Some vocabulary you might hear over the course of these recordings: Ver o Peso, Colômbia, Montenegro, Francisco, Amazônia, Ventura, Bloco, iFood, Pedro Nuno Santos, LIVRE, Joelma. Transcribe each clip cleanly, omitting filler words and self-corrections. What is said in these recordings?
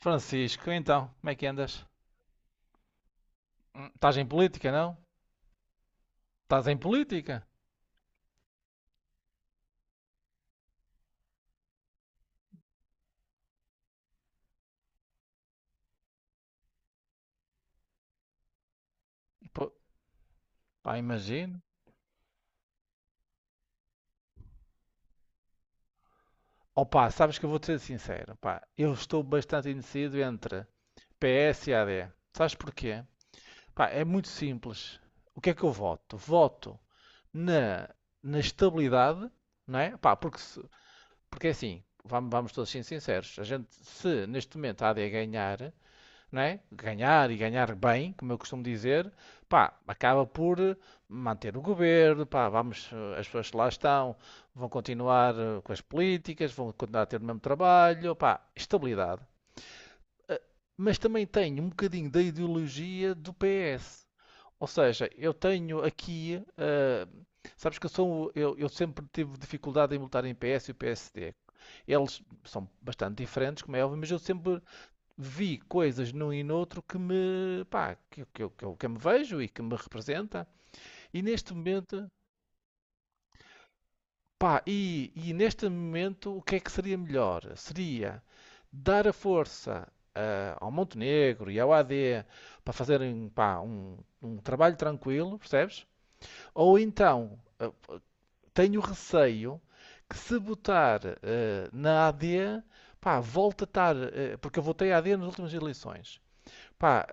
Francisco, então, como é que andas? Estás em política, não? Estás em política? Pô, pá, imagino. Opa, sabes que eu vou-te ser sincero, pá, eu estou bastante indeciso entre PS e AD. Sabes porquê? Pá, é muito simples. O que é que eu voto? Voto na, na estabilidade, não é? Pá, porque, porque é assim, vamos todos ser sinceros, a gente, se neste momento a AD ganhar, não é? Ganhar e ganhar bem, como eu costumo dizer, pá, acaba por manter o governo, pá, vamos, as pessoas que lá estão vão continuar com as políticas, vão continuar a ter o mesmo trabalho, pá, estabilidade. Mas também tenho um bocadinho da ideologia do PS. Ou seja, eu tenho aqui, sabes que eu sempre tive dificuldade em lutar em PS e o PSD. Eles são bastante diferentes, como é óbvio, mas eu sempre vi coisas num e noutro pá, que eu me vejo e que me representa. E neste momento, pá, e neste momento o que é que seria melhor? Seria dar a força ao Montenegro e ao AD para fazerem, pá, um trabalho tranquilo, percebes? Ou então, tenho receio que se botar na AD, pá, volta a estar, porque eu votei AD nas últimas eleições. Pá,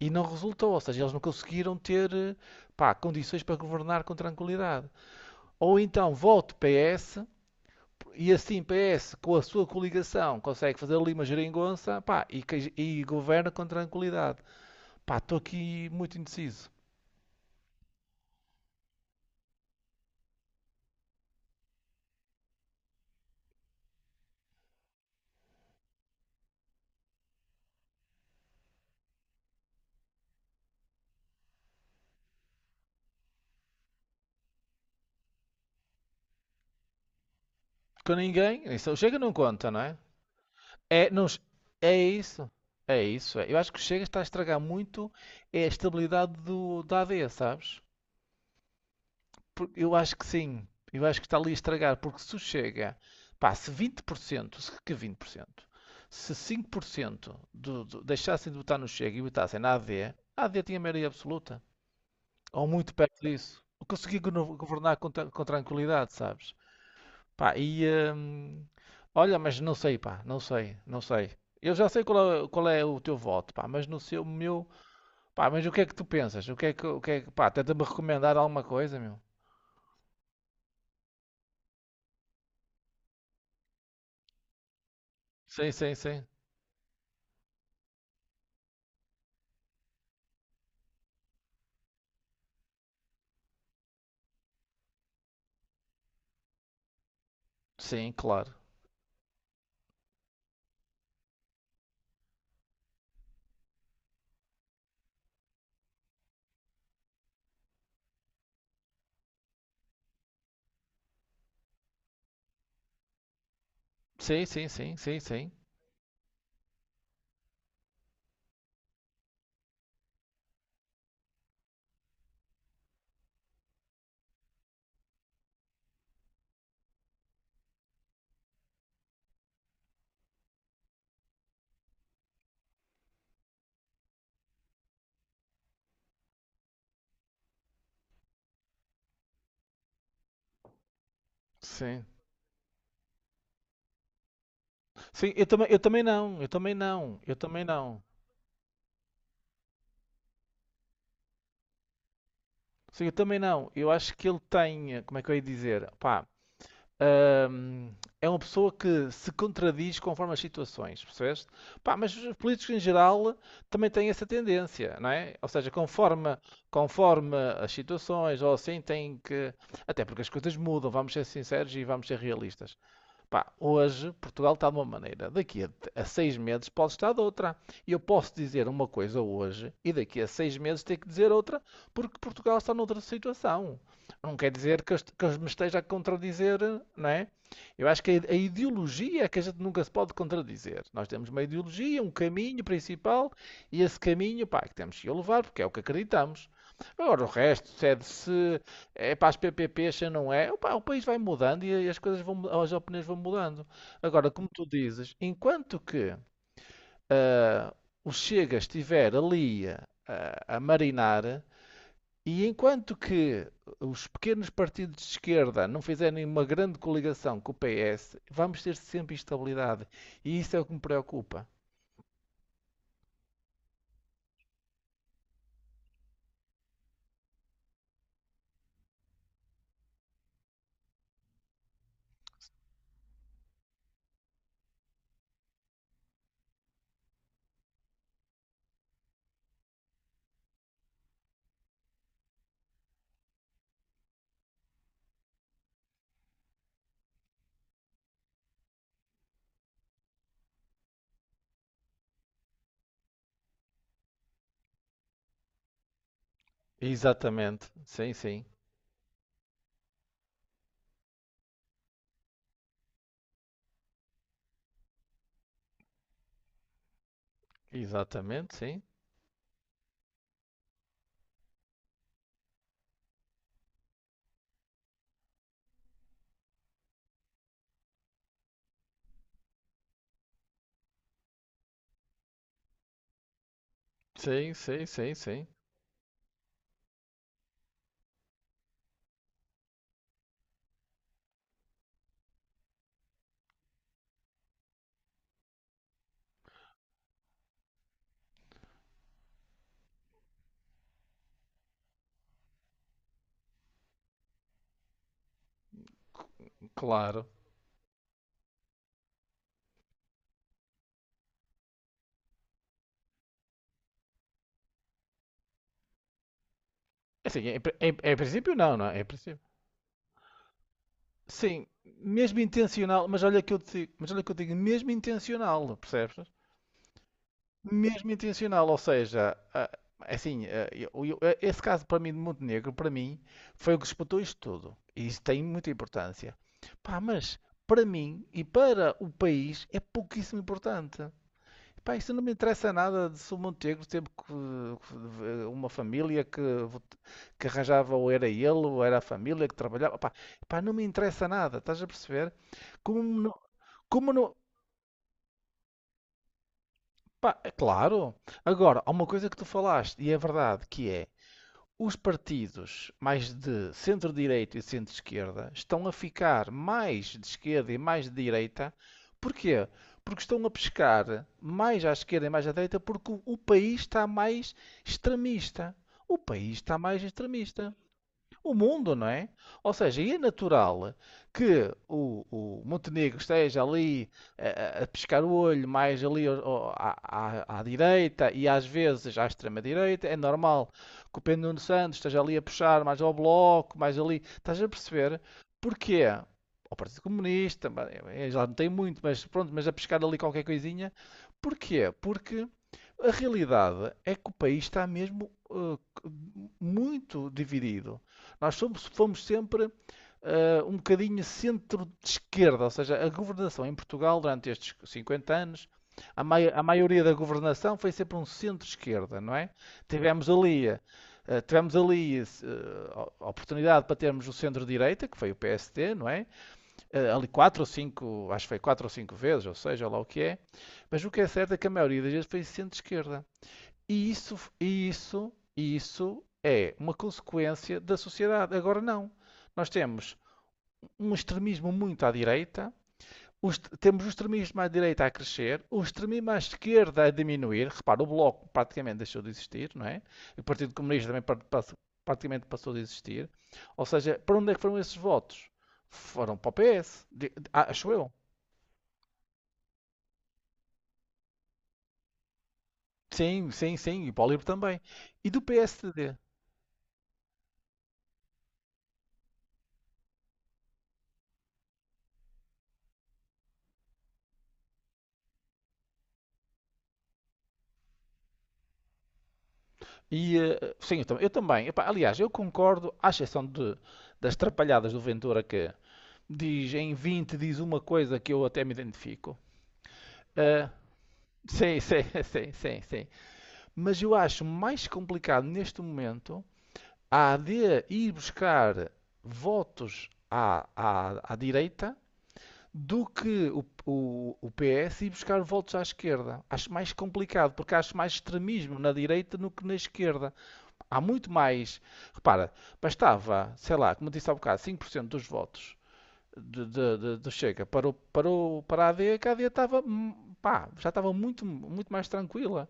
e não resultou, ou seja, eles não conseguiram ter, pá, condições para governar com tranquilidade. Ou então vote PS, e assim PS, com a sua coligação, consegue fazer ali uma geringonça, pá, e governa com tranquilidade. Pá, estou aqui muito indeciso. Com ninguém, isso o chega não conta, não é? É, não, é isso. É isso, é. Eu acho que o Chega está a estragar muito a estabilidade da AD, sabes? Eu acho que sim. Eu acho que está ali a estragar, porque se o chega, pá, se 20%, se que 20%, se 5% deixassem de votar no Chega e votassem na AD, a AD tinha maioria absoluta, ou muito perto disso. Conseguia governar com tranquilidade, sabes? Pá, e hum, olha, mas não sei, pá, não sei, não sei. Eu já sei qual é o teu voto, pá, mas no seu, meu, pá, mas o que é que tu pensas? O que é que, o que é que, Pá, tenta-me recomendar alguma coisa, meu? Sim, sim, sim. Sim, claro. Sim, sim, sim, sim, sim. Sim. Sim, eu também não, eu também não, eu também não. Sim, eu também não. Eu acho que ele tem, como é que eu ia dizer? Pá, hum, é uma pessoa que se contradiz conforme as situações, percebeste? Pá, mas os políticos em geral também têm essa tendência, não é? Ou seja, conforme as situações, ou assim, têm que. Até porque as coisas mudam, vamos ser sinceros e vamos ser realistas. Pá, hoje Portugal está de uma maneira, daqui a 6 meses pode estar de outra. E eu posso dizer uma coisa hoje e daqui a 6 meses ter que dizer outra, porque Portugal está noutra situação. Não quer dizer que me esteja a contradizer, não é? Eu acho que a ideologia é que a gente nunca se pode contradizer. Nós temos uma ideologia, um caminho principal e esse caminho, pá, que temos que levar porque é o que acreditamos. Agora, o resto se é para as PPPs, se não é. Opa, o país vai mudando e as coisas vão, as opiniões vão mudando. Agora, como tu dizes, enquanto que o Chega estiver ali a marinar e enquanto que os pequenos partidos de esquerda não fizerem uma grande coligação com o PS, vamos ter sempre instabilidade. E isso é o que me preocupa. Exatamente. Sim, sim. Exatamente, sim. Sim, sim, sim, sim. Claro. Assim, em princípio não, não é? Em princípio. Sim, mesmo intencional, mas olha que eu te digo, mas olha que eu digo, mesmo intencional, percebes? Mesmo intencional, ou seja, é assim, esse caso para mim de Montenegro, para mim, foi o que disputou isto tudo. E isso tem muita importância. Pá, mas para mim e para o país é pouquíssimo importante. Pá, isso não me interessa nada de se o Montenegro teve uma família vot- que arranjava ou era ele ou era a família que trabalhava. Pá, pá, não me interessa nada, estás a perceber? Como não, como não, pá, é claro. Agora, há uma coisa que tu falaste e é verdade, que é os partidos mais de centro-direita e centro-esquerda estão a ficar mais de esquerda e mais de direita. Porquê? Porque estão a pescar mais à esquerda e mais à direita porque o país está mais extremista. O país está mais extremista, o mundo, não é? Ou seja, é natural que o Montenegro esteja ali a pescar o olho, mais ali à, à direita e às vezes à extrema-direita. É normal que o Pedro Nuno Santos esteja ali a puxar mais ao bloco, mais ali. Estás a perceber? Porquê? Ao Partido Comunista, já não tem muito, mas pronto, mas a pescar ali qualquer coisinha. Porquê? Porque. A realidade é que o país está mesmo muito dividido. Fomos sempre um bocadinho centro de esquerda, ou seja, a governação em Portugal durante estes 50 anos, a maioria da governação foi sempre um centro-esquerda, não é? Tivemos ali, a oportunidade para termos o centro-direita, que foi o PSD, não é? Ali quatro ou cinco, acho que foi quatro ou cinco vezes, ou seja, lá o que é. Mas o que é certo é que a maioria das vezes foi centro-esquerda. E isso é uma consequência da sociedade. Agora não. Nós temos um extremismo muito à direita, temos o extremismo à direita a crescer, o extremismo à esquerda a diminuir. Repara, o Bloco praticamente deixou de existir, não é? O Partido Comunista também praticamente passou de existir. Ou seja, para onde é que foram esses votos? Foram para o PS, acho eu. Sim, sim, sim, e para o LIVRE também. E do PSD? E, sim, eu também. Epá, aliás, eu concordo, à exceção das trapalhadas do Ventura que diz em 20 diz uma coisa que eu até me identifico. Eh, sim, sim, sim, sim, sim. Mas eu acho mais complicado neste momento a AD ir buscar votos à direita do que o PS ir buscar votos à esquerda. Acho mais complicado, porque acho mais extremismo na direita do que na esquerda. Há muito mais. Repara, bastava, sei lá, como disse há bocado, 5% dos votos do Chega para a AD, que a AD estava, pá, já estava muito, muito mais tranquila.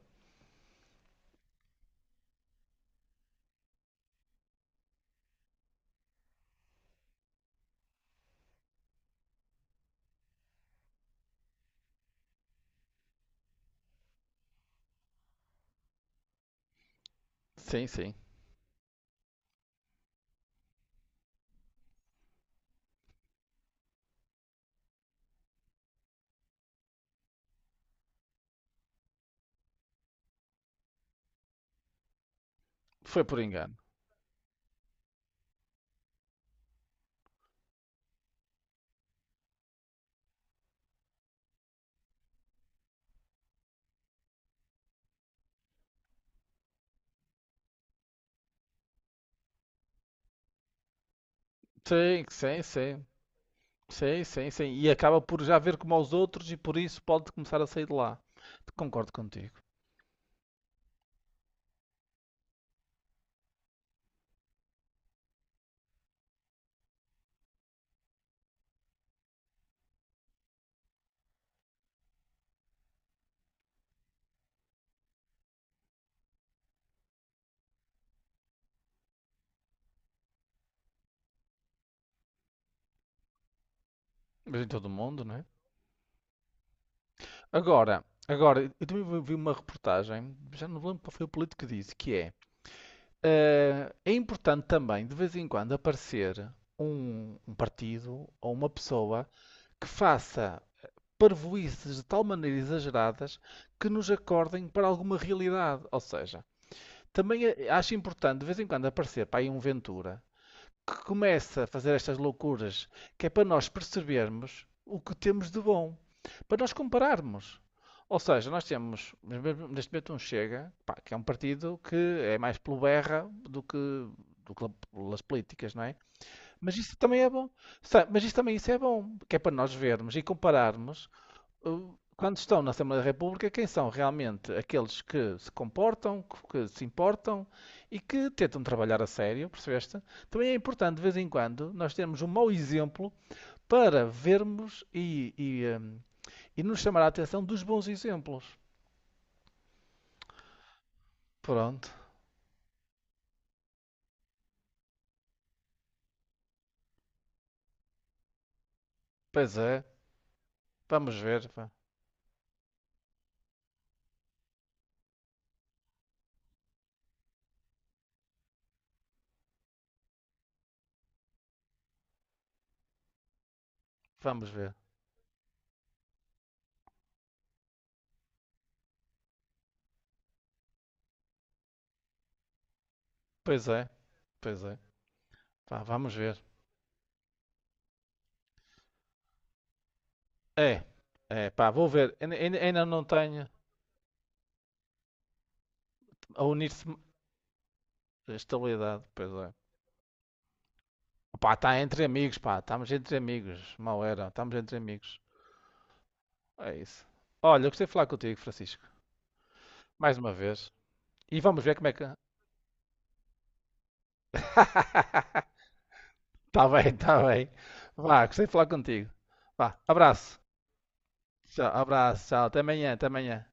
Sim, sim. Foi por engano. Sim, sim, sim. Sim, sim, sim. E acaba por já ver como aos outros e por isso pode começar a sair de lá. Concordo contigo. Mas em todo o mundo, não é? Agora, eu também vi uma reportagem, já não me lembro qual foi o político que disse, que é. É importante também, de vez em quando, aparecer um partido ou uma pessoa que faça parvoíces de tal maneira exageradas que nos acordem para alguma realidade. Ou seja, também acho importante, de vez em quando, aparecer para aí um Ventura que começa a fazer estas loucuras, que é para nós percebermos o que temos de bom, para nós compararmos. Ou seja, nós temos neste momento um Chega, pá, que é um partido que é mais pelo berra do que pelas políticas, não é? Mas isso também é bom. Mas isso também isso é bom, que é para nós vermos e compararmos quando estão na Assembleia da República, quem são realmente aqueles que se comportam, que se importam e que tentam trabalhar a sério, percebeste? Também é importante, de vez em quando, nós termos um mau exemplo para vermos e nos chamar a atenção dos bons exemplos. Pronto, pois é, vamos ver, pá. Vamos ver. Pois é, pois é, pá, vamos ver. É, é, pá, vou ver, não tenho a unir-se estabilidade, pois é. Pá, está entre amigos, pá. Estamos entre amigos. Mal era. Estamos entre amigos. É isso. Olha, eu gostei de falar contigo, Francisco. Mais uma vez. E vamos ver como é que. Está bem, está bem. Vá, gostei de falar contigo. Vá, abraço. Tchau, abraço, tchau. Até amanhã, até amanhã.